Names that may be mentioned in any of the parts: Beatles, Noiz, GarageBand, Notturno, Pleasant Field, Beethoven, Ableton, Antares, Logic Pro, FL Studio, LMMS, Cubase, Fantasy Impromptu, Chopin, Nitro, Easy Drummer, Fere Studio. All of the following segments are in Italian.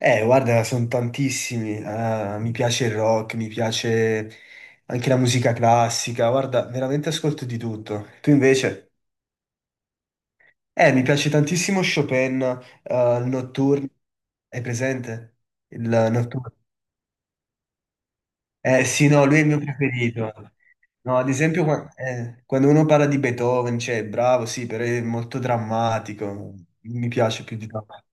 Guarda, sono tantissimi. Ah, mi piace il rock, mi piace anche la musica classica. Guarda, veramente ascolto di tutto. Tu invece? Mi piace tantissimo Chopin, il Notturno. Hai presente? Il Notturno. Eh sì, no, lui è il mio preferito. No, ad esempio, quando uno parla di Beethoven, cioè, bravo, sì, però è molto drammatico. Mi piace più di tanto.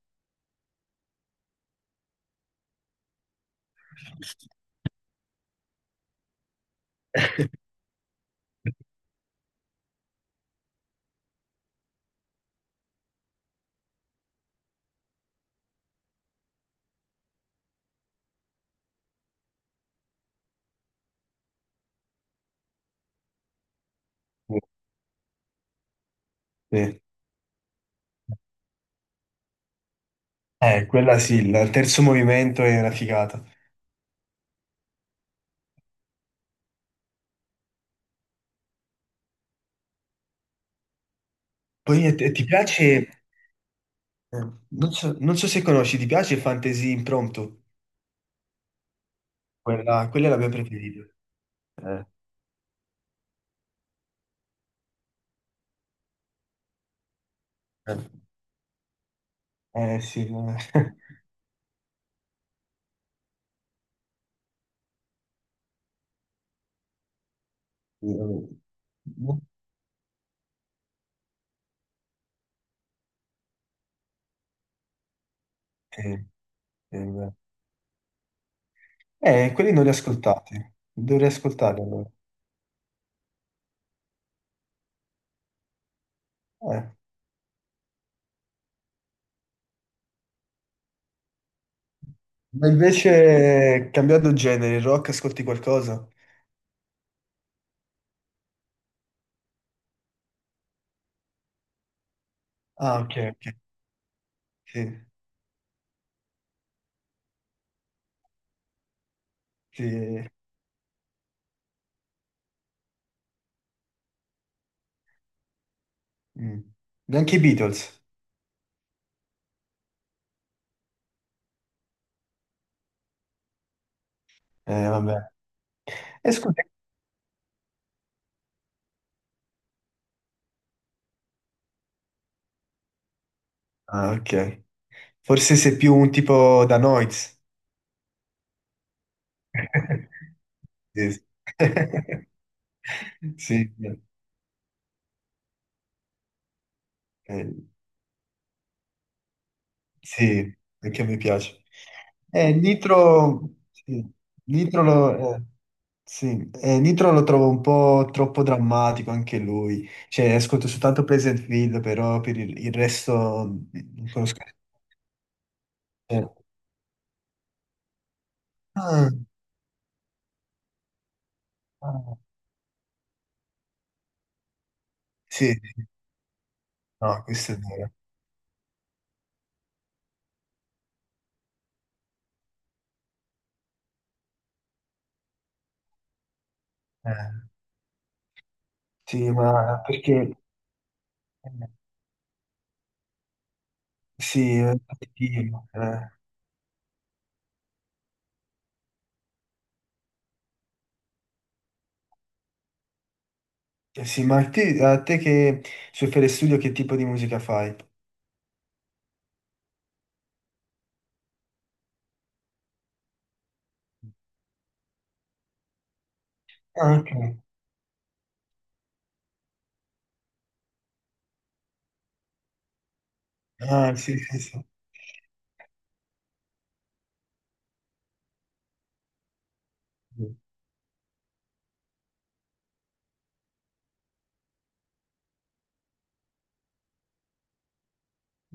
Sì. Quella sì, il terzo movimento è una figata. Poi ti piace, non so se conosci, ti piace Fantasy Impromptu? Quella è la mia preferita. Eh, eh, sì. Sì, vabbè. No, Eh, beh, quelli non li ascoltati, dovrei ascoltarli allora. Eh. Ma invece, cambiando genere, il rock, ascolti qualcosa? Ah, ok, ok, sì, sì. Mm. Neanche i Beatles. Vabbè. E scusa. Ah, ok. Forse sei più un tipo da Noiz. Sì. Sì. Sì, eh, sì, anche a me piace. Nitro, sì, Nitro lo, eh, sì, Nitro lo trovo un po' troppo drammatico anche lui. Cioè, ascolto soltanto Pleasant Field, però per il resto non conosco. Eh, ah, ah, sì, sì, no, questo è vero. Eh. Sì, ma perché eh, sì, sì, sì, ma a te che sui Fere Studio che tipo di musica fai? Ah, ok. Ah, sì, sì, sì.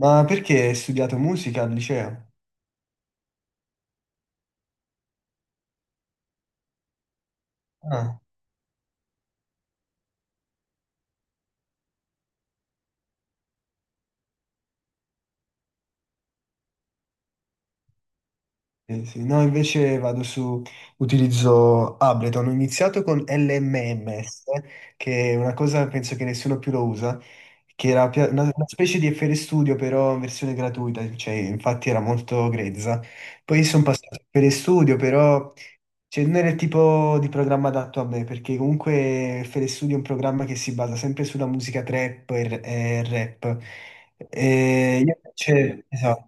Ma perché hai studiato musica al liceo? Ah. Sì, sì. No, invece vado su, utilizzo Ableton. Ho iniziato con LMMS, che è una cosa penso che nessuno più lo usa, che era una specie di FL Studio però in versione gratuita, cioè infatti era molto grezza. Poi sono passato a FL Studio, però cioè, non era il tipo di programma adatto a me, perché comunque FL Studio è un programma che si basa sempre sulla musica trap e rap. E io invece, esatto.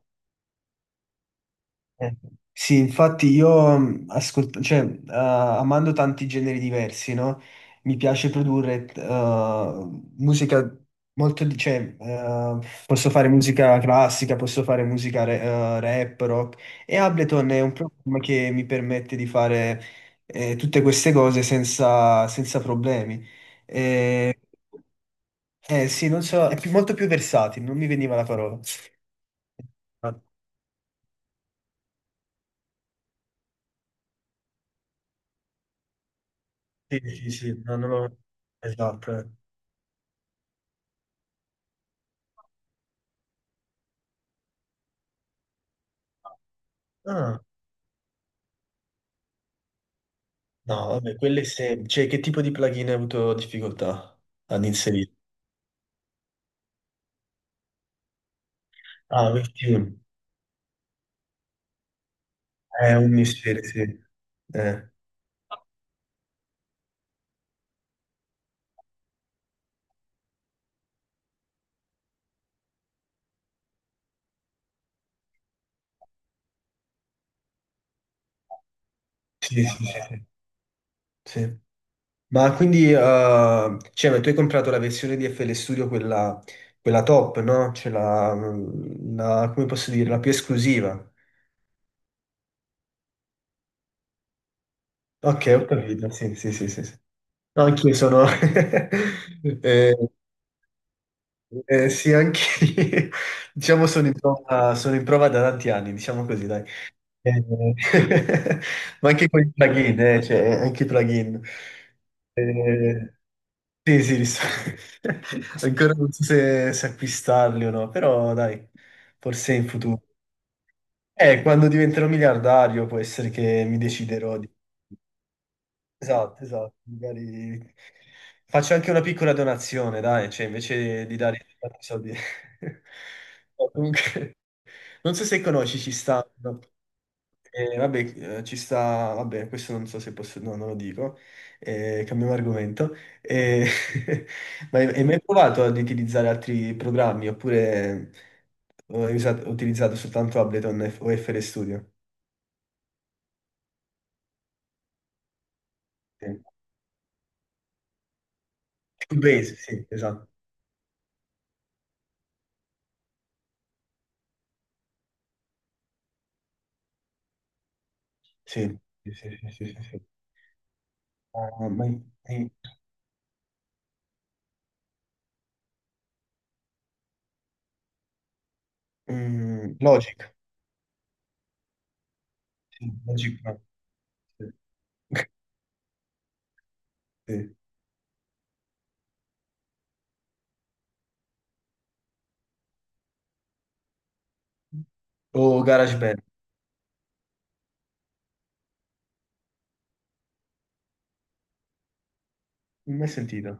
Eh, Sì, infatti io cioè, amando tanti generi diversi, no? Mi piace produrre musica molto, cioè, posso fare musica classica, posso fare musica rap, rock e Ableton è un programma che mi permette di fare tutte queste cose senza problemi. Eh, sì, non so, molto più versatile, non mi veniva la parola. Sì, sì, sì, no. non ho- Esatto. Eh. Ah, no, vabbè, cioè, che tipo di plugin hai avuto difficoltà ad inserire? Ah, questi è un mistero, sì. Eh, sì, sì, sì, sì, sì. Ma quindi, cioè, ma tu hai comprato la versione di FL Studio, quella top, no? Cioè, come posso dire, la più esclusiva. Ok, ho capito, sì, sì, sì, sì. Sì. No, anch'io sono. eh, sì, anche lì, diciamo, sono in prova da tanti anni, diciamo così, dai. Eh, ma anche con i plugin, cioè, anche i plugin. Eh, sì, sì, ancora non so se acquistarli o no, però dai, forse in futuro. Quando diventerò miliardario può essere che mi deciderò di. Esatto, esatto, magari faccio anche una piccola donazione, dai, cioè invece di dare tanti soldi. No, comunque, non so se conosci, ci sta, no, vabbè, ci sta, vabbè, questo non so se posso, no, non lo dico, cambiamo argomento. Eh, ma hai mai provato ad utilizzare altri programmi oppure utilizzato soltanto Ableton o FL Studio? Sì. Cubase, sì, esatto, sì, sì, sì, sì, sì, sì. Sì. Ah, ma in- Logic. Sì, Logic Pro. Sì. Sì. O GarageBand? Non mai sentito.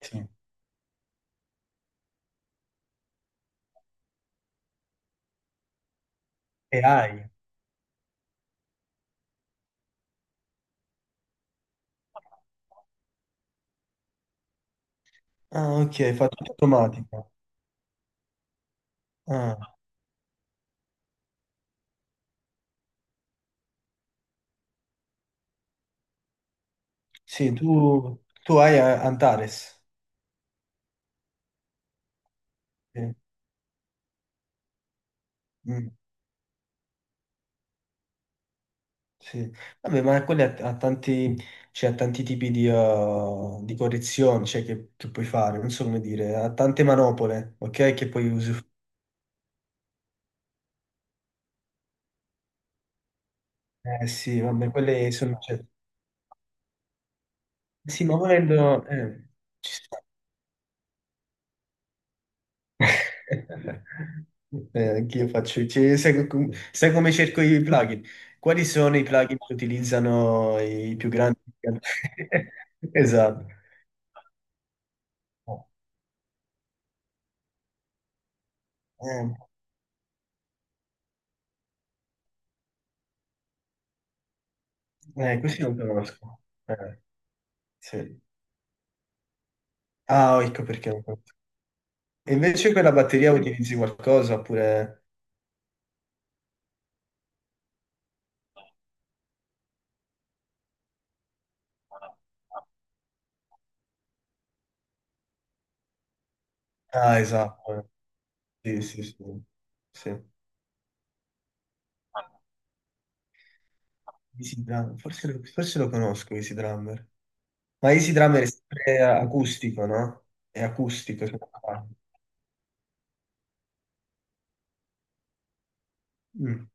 Sì. AI. Ah, ok, fa tutto automatico. Ah, sì, tu Antares. Sì. Mm, sì. Vabbè, ma quelli ha tanti, cioè, ha tanti tipi di correzioni, cioè, che puoi fare, non so come dire, ha tante manopole, ok, che puoi usufruire. Eh sì, vabbè, quelle sono, cioè. Sì, ma volendo ci sta. Anch'io faccio sai come cerco i plugin? Quali sono i plugin che utilizzano i più grandi? Esatto. Eh, questi non conosco. Sì. Ah, ecco perché non conosco. E invece quella batteria utilizzi qualcosa oppure. Ah, esatto. Eh. Sì, sì, sì. Sì. Easy Drum, Forse, lo Forse lo conosco, Easy Drummer. Ma Easy Drummer è sempre acustico, no? È acustico, se non sbaglio. Mm.